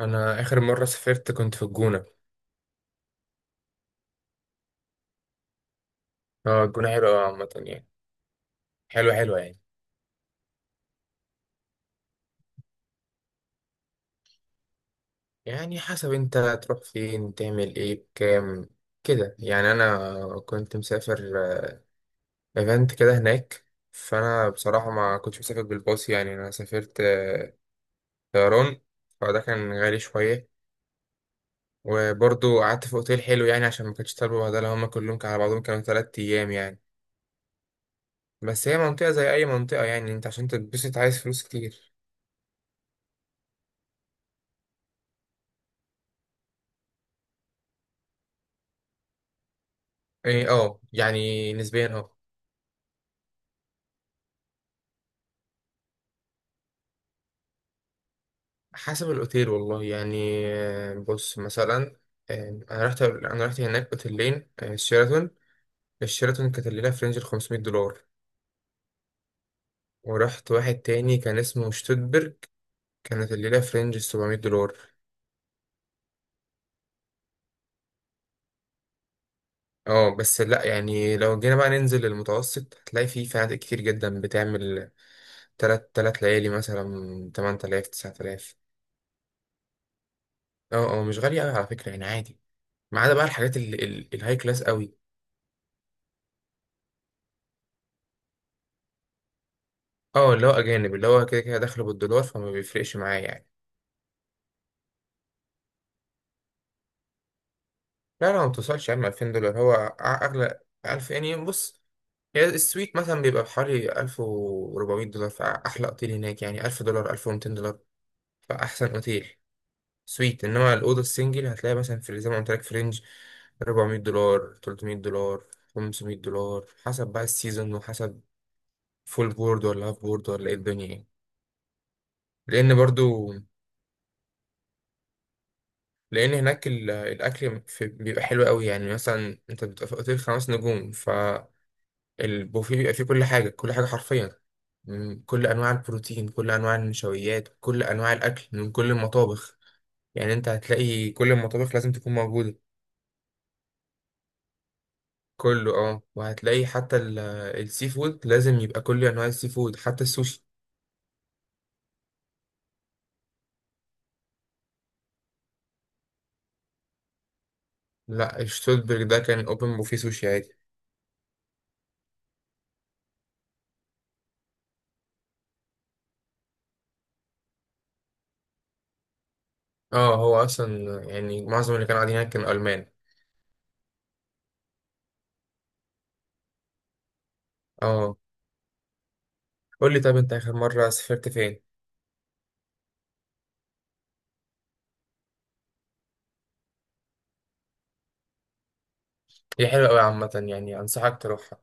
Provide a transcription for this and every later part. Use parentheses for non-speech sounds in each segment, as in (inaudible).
انا اخر مره سافرت كنت في الجونه. اه، الجونه حلوه أوي عامه يعني، حلوه حلوه يعني. يعني حسب انت تروح فين تعمل ايه بكام كده يعني. انا كنت مسافر ايفنت كده هناك. فانا بصراحه ما كنتش مسافر بالباص، يعني انا سافرت طيران. فده كان غالي شويه. وبرضه قعدت في اوتيل حلو يعني عشان ما كانتش طالبه بهدله، هما كلهم كانوا على بعضهم كانوا تلات ايام يعني. بس هي منطقه زي اي منطقه، يعني انت عشان تتبسط عايز فلوس كتير. ايه اه، يعني نسبيا اه. حسب الأوتيل والله يعني، بص مثلا. أنا رحت هناك أوتيلين، شيراتون. الشيراتون كانت الليلة في رينج الخمسمية دولار. ورحت واحد تاني كان اسمه شتوتبرج، كانت الليلة في رينج السبعمية دولار. اه بس لأ، يعني لو جينا بقى ننزل للمتوسط هتلاقي فيه فنادق كتير جدا بتعمل تلات تلات ليالي مثلا تمن تلاف تسعة تلاف. اه اه، مش غالية أوي على فكرة يعني عادي. ما عدا بقى الحاجات الهاي كلاس أوي. اه، اللي هو اجانب، اللي هو كده كده داخله بالدولار فما بيفرقش معاه يعني. لا لا، ما بتوصلش يا عم. 2000 دولار هو اغلى 1000 يعني. بص، هي السويت مثلا بيبقى بحوالي 1400 دولار. فاحلى اوتيل هناك يعني 1000 دولار 1200 دولار، فاحسن اوتيل سويت. انما الاوضه السنجل هتلاقي مثلا في زي ما قلت لك في رينج 400 دولار 300 دولار 500 دولار، حسب بقى السيزون، وحسب فول بورد ولا هاف بورد ولا ايه الدنيا يعني. لان برضو لان هناك الاكل بيبقى حلو قوي. يعني مثلا انت بتبقى في اوتيل خمس نجوم، فالبوفيه بيبقى فيه كل حاجه كل حاجه حرفيا. كل انواع البروتين، كل انواع النشويات، كل انواع الاكل من كل المطابخ. يعني انت هتلاقي كل المطابخ لازم تكون موجوده. كله اه، وهتلاقي حتى السي فود، لازم يبقى كل انواع السي فود حتى السوشي. لا، الشتوتبرج ده كان اوبن بوفيه سوشي عادي. اه، هو اصلا يعني معظم اللي كانوا قاعدين هناك كانوا المان. اه. قول لي، طب انت اخر مره سافرت فين؟ هي حلوة أوي عامة يعني، أنصحك تروحها.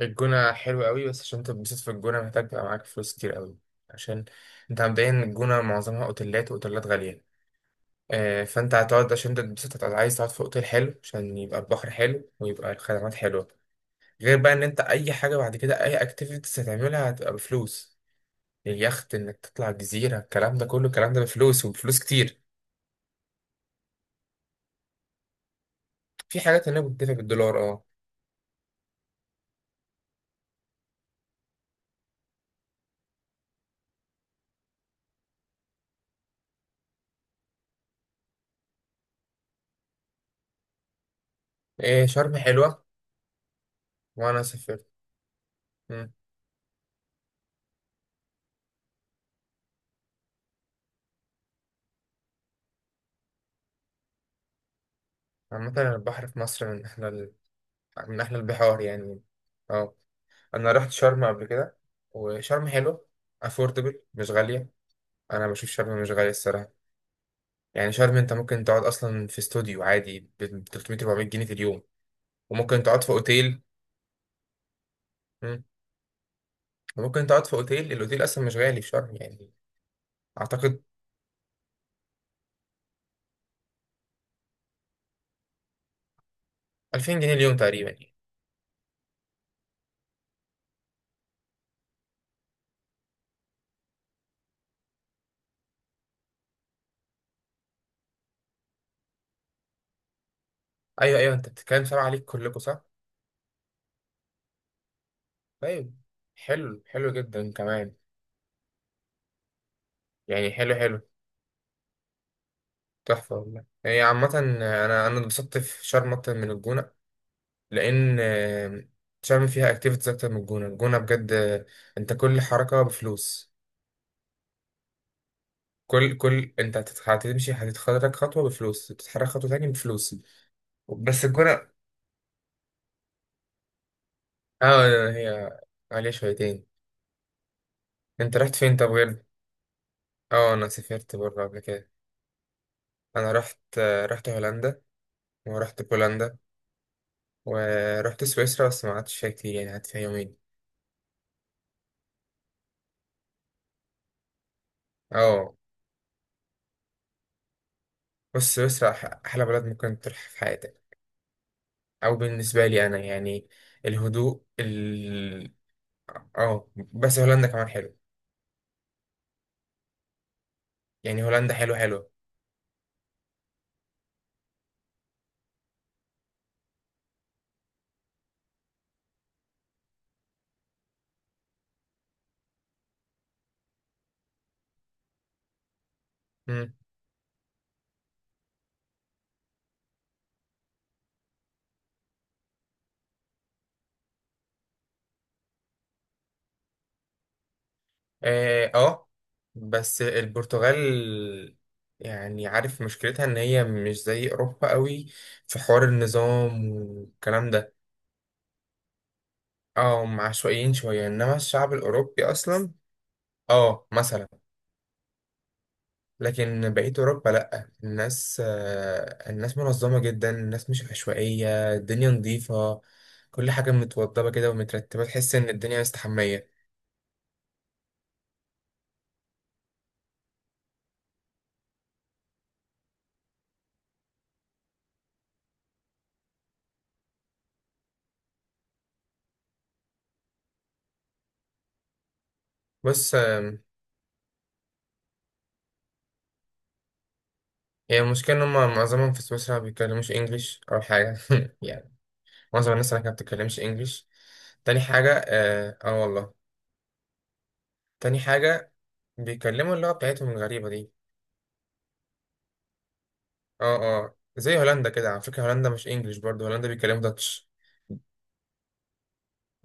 الجونة حلوة أوي، بس عشان تتبسط في الجونة محتاج تبقى معاك فلوس كتير أوي. عشان أنت مبدئيا الجونة معظمها أوتيلات وأوتيلات غالية. فأنت هتقعد عشان تتبسط، هتقعد عايز تقعد في أوتيل حلو عشان يبقى البحر حلو ويبقى الخدمات حلوة. غير بقى إن أنت أي حاجة بعد كده أي أكتيفيتيز هتعملها هتبقى بفلوس. اليخت، إنك تطلع الجزيرة، الكلام ده كله الكلام ده بفلوس وبفلوس كتير. في حاجات هنا بتدفع بالدولار أه. إيه، شرم حلوة. وأنا سافرت. مم. عامة البحر في مصر من أحلى من احلى البحار يعني. اه انا رحت شرم قبل كده، وشرم حلو، افوردبل مش غاليه. انا بشوف شرم مش غاليه الصراحه. يعني شرم انت ممكن تقعد اصلا في استوديو عادي ب 300 400 جنيه في اليوم. وممكن تقعد في اوتيل. مم. وممكن تقعد في اوتيل، الاوتيل اصلا مش غالي في شرم يعني. اعتقد 2000 جنيه اليوم تقريبا يعني. ايوه ايوه، انت بتتكلم سبعه عليك كلكم صح. طيب. حلو حلو جدا كمان. يعني حلو حلو. تحفه والله. هي عامه انا اتبسطت في شرم اكتر من الجونه. لان تعمل فيها اكتيفيتيز اكتر من الجونه. الجونه بجد، انت كل حركه بفلوس. كل انت هتمشي هتتحرك خطوه بفلوس، تتحرك خطوه تاني بفلوس. بس الجونه اه، هي عليها شويتين. انت رحت فين طب غير؟ اه، انا سافرت بره قبل كده. انا رحت رحت هولندا، ورحت بولندا، ورحت سويسرا بس ما قعدتش فيها كتير، يعني قعدت فيها يومين. اه، بص سويسرا احلى بلد ممكن تروح في حياتك، او بالنسبه لي انا يعني، الهدوء. اه، بس هولندا كمان حلو. يعني هولندا حلو حلو. امم. اه بس البرتغال، يعني عارف مشكلتها ان هي مش زي اوروبا قوي في حوار النظام والكلام ده. اه، هم عشوائيين شويه، انما الشعب الاوروبي اصلا. اه مثلا. لكن بقيه اوروبا لا، الناس آه الناس منظمه جدا، الناس مش عشوائيه، الدنيا نظيفه، كل حاجه متوضبه كده ومترتبه، تحس ان الدنيا مستحميه. بص هي المشكلة إن هما معظمهم في سويسرا بيتكلموش إنجليش أول حاجة (laughs) يعني. معظم الناس هناك ما بتتكلمش إنجليش. تاني حاجة، آه, آه والله. تاني حاجة، بيتكلموا اللغة بتاعتهم الغريبة دي. آه آه، زي هولندا كده على فكرة. هولندا مش إنجليش برضه، هولندا بيتكلموا داتش.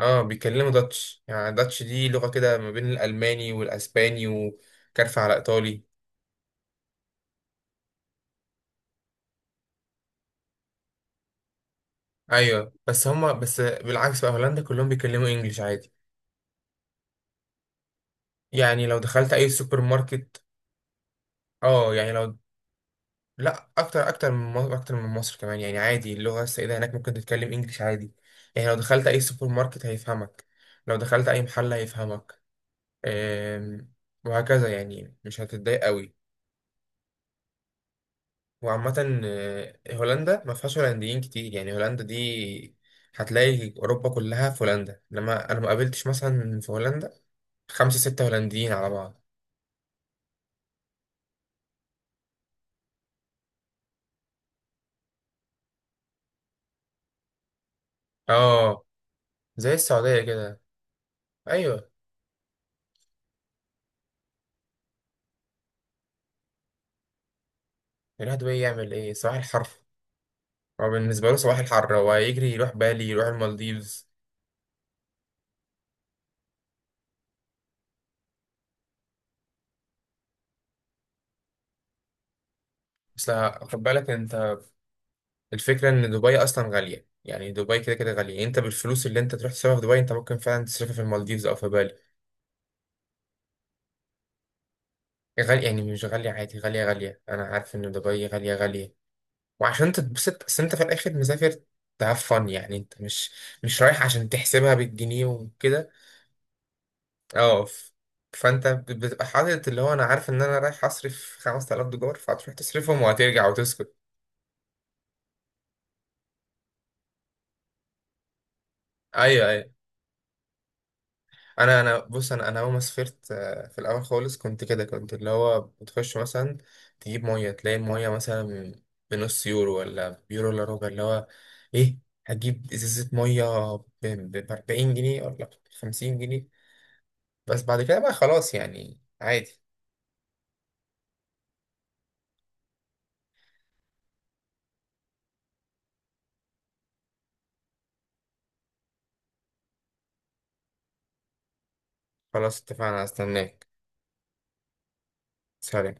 آه بيتكلموا داتش. يعني داتش دي لغة كده ما بين الألماني والأسباني وكارفة على إيطالي. أيوه بس هما بس بالعكس بقى، هولندا كلهم بيتكلموا إنجليش عادي. يعني لو دخلت أي سوبر ماركت. اه يعني لو، لا اكتر اكتر من مصر، اكتر من مصر كمان يعني عادي. اللغه السائده هناك ممكن تتكلم انجليش عادي. يعني لو دخلت اي سوبر ماركت هيفهمك، لو دخلت اي محل هيفهمك. أم، وهكذا يعني مش هتتضايق قوي. وعامه هولندا ما فيهاش هولنديين كتير يعني. هولندا دي هتلاقي اوروبا كلها في هولندا، انما انا ما قابلتش مثلا في هولندا خمسة ستة هولنديين على بعض. اه، زي السعوديه كده. ايوه. يروح دبي يعمل ايه؟ صباح الحر. هو بالنسبة له صباح الحر، هو يجري يروح بالي، يروح المالديفز. بس لا، خد بالك انت، الفكرة ان دبي اصلا غالية. يعني دبي كده كده غالية. انت بالفلوس اللي انت تروح تصرفها في دبي انت ممكن فعلا تصرفها في المالديفز او في بالي. غالية، يعني مش غالية عادي، غالية غالية. انا عارف ان دبي غالية غالية. وعشان تتبسط بس انت في الاخر مسافر تهاف فن يعني. انت مش رايح عشان تحسبها بالجنيه وكده. اه فانت بتبقى حاطط اللي هو، انا عارف ان انا رايح اصرف 5000 دولار، فهتروح تصرفهم وهترجع وتسكت. ايوه ايوه. انا بص، انا اول ما سافرت، في الاول خالص كنت كده، كنت اللي هو بتخش مثلا تجيب ميه، تلاقي الميه مثلا بنص يورو ولا بيورو الا ربع، اللي هو ايه، هتجيب ازازه ميه ب 40 جنيه ولا 50 جنيه. بس بعد كده بقى خلاص يعني عادي. خلاص اتفقنا، استناك. سلام.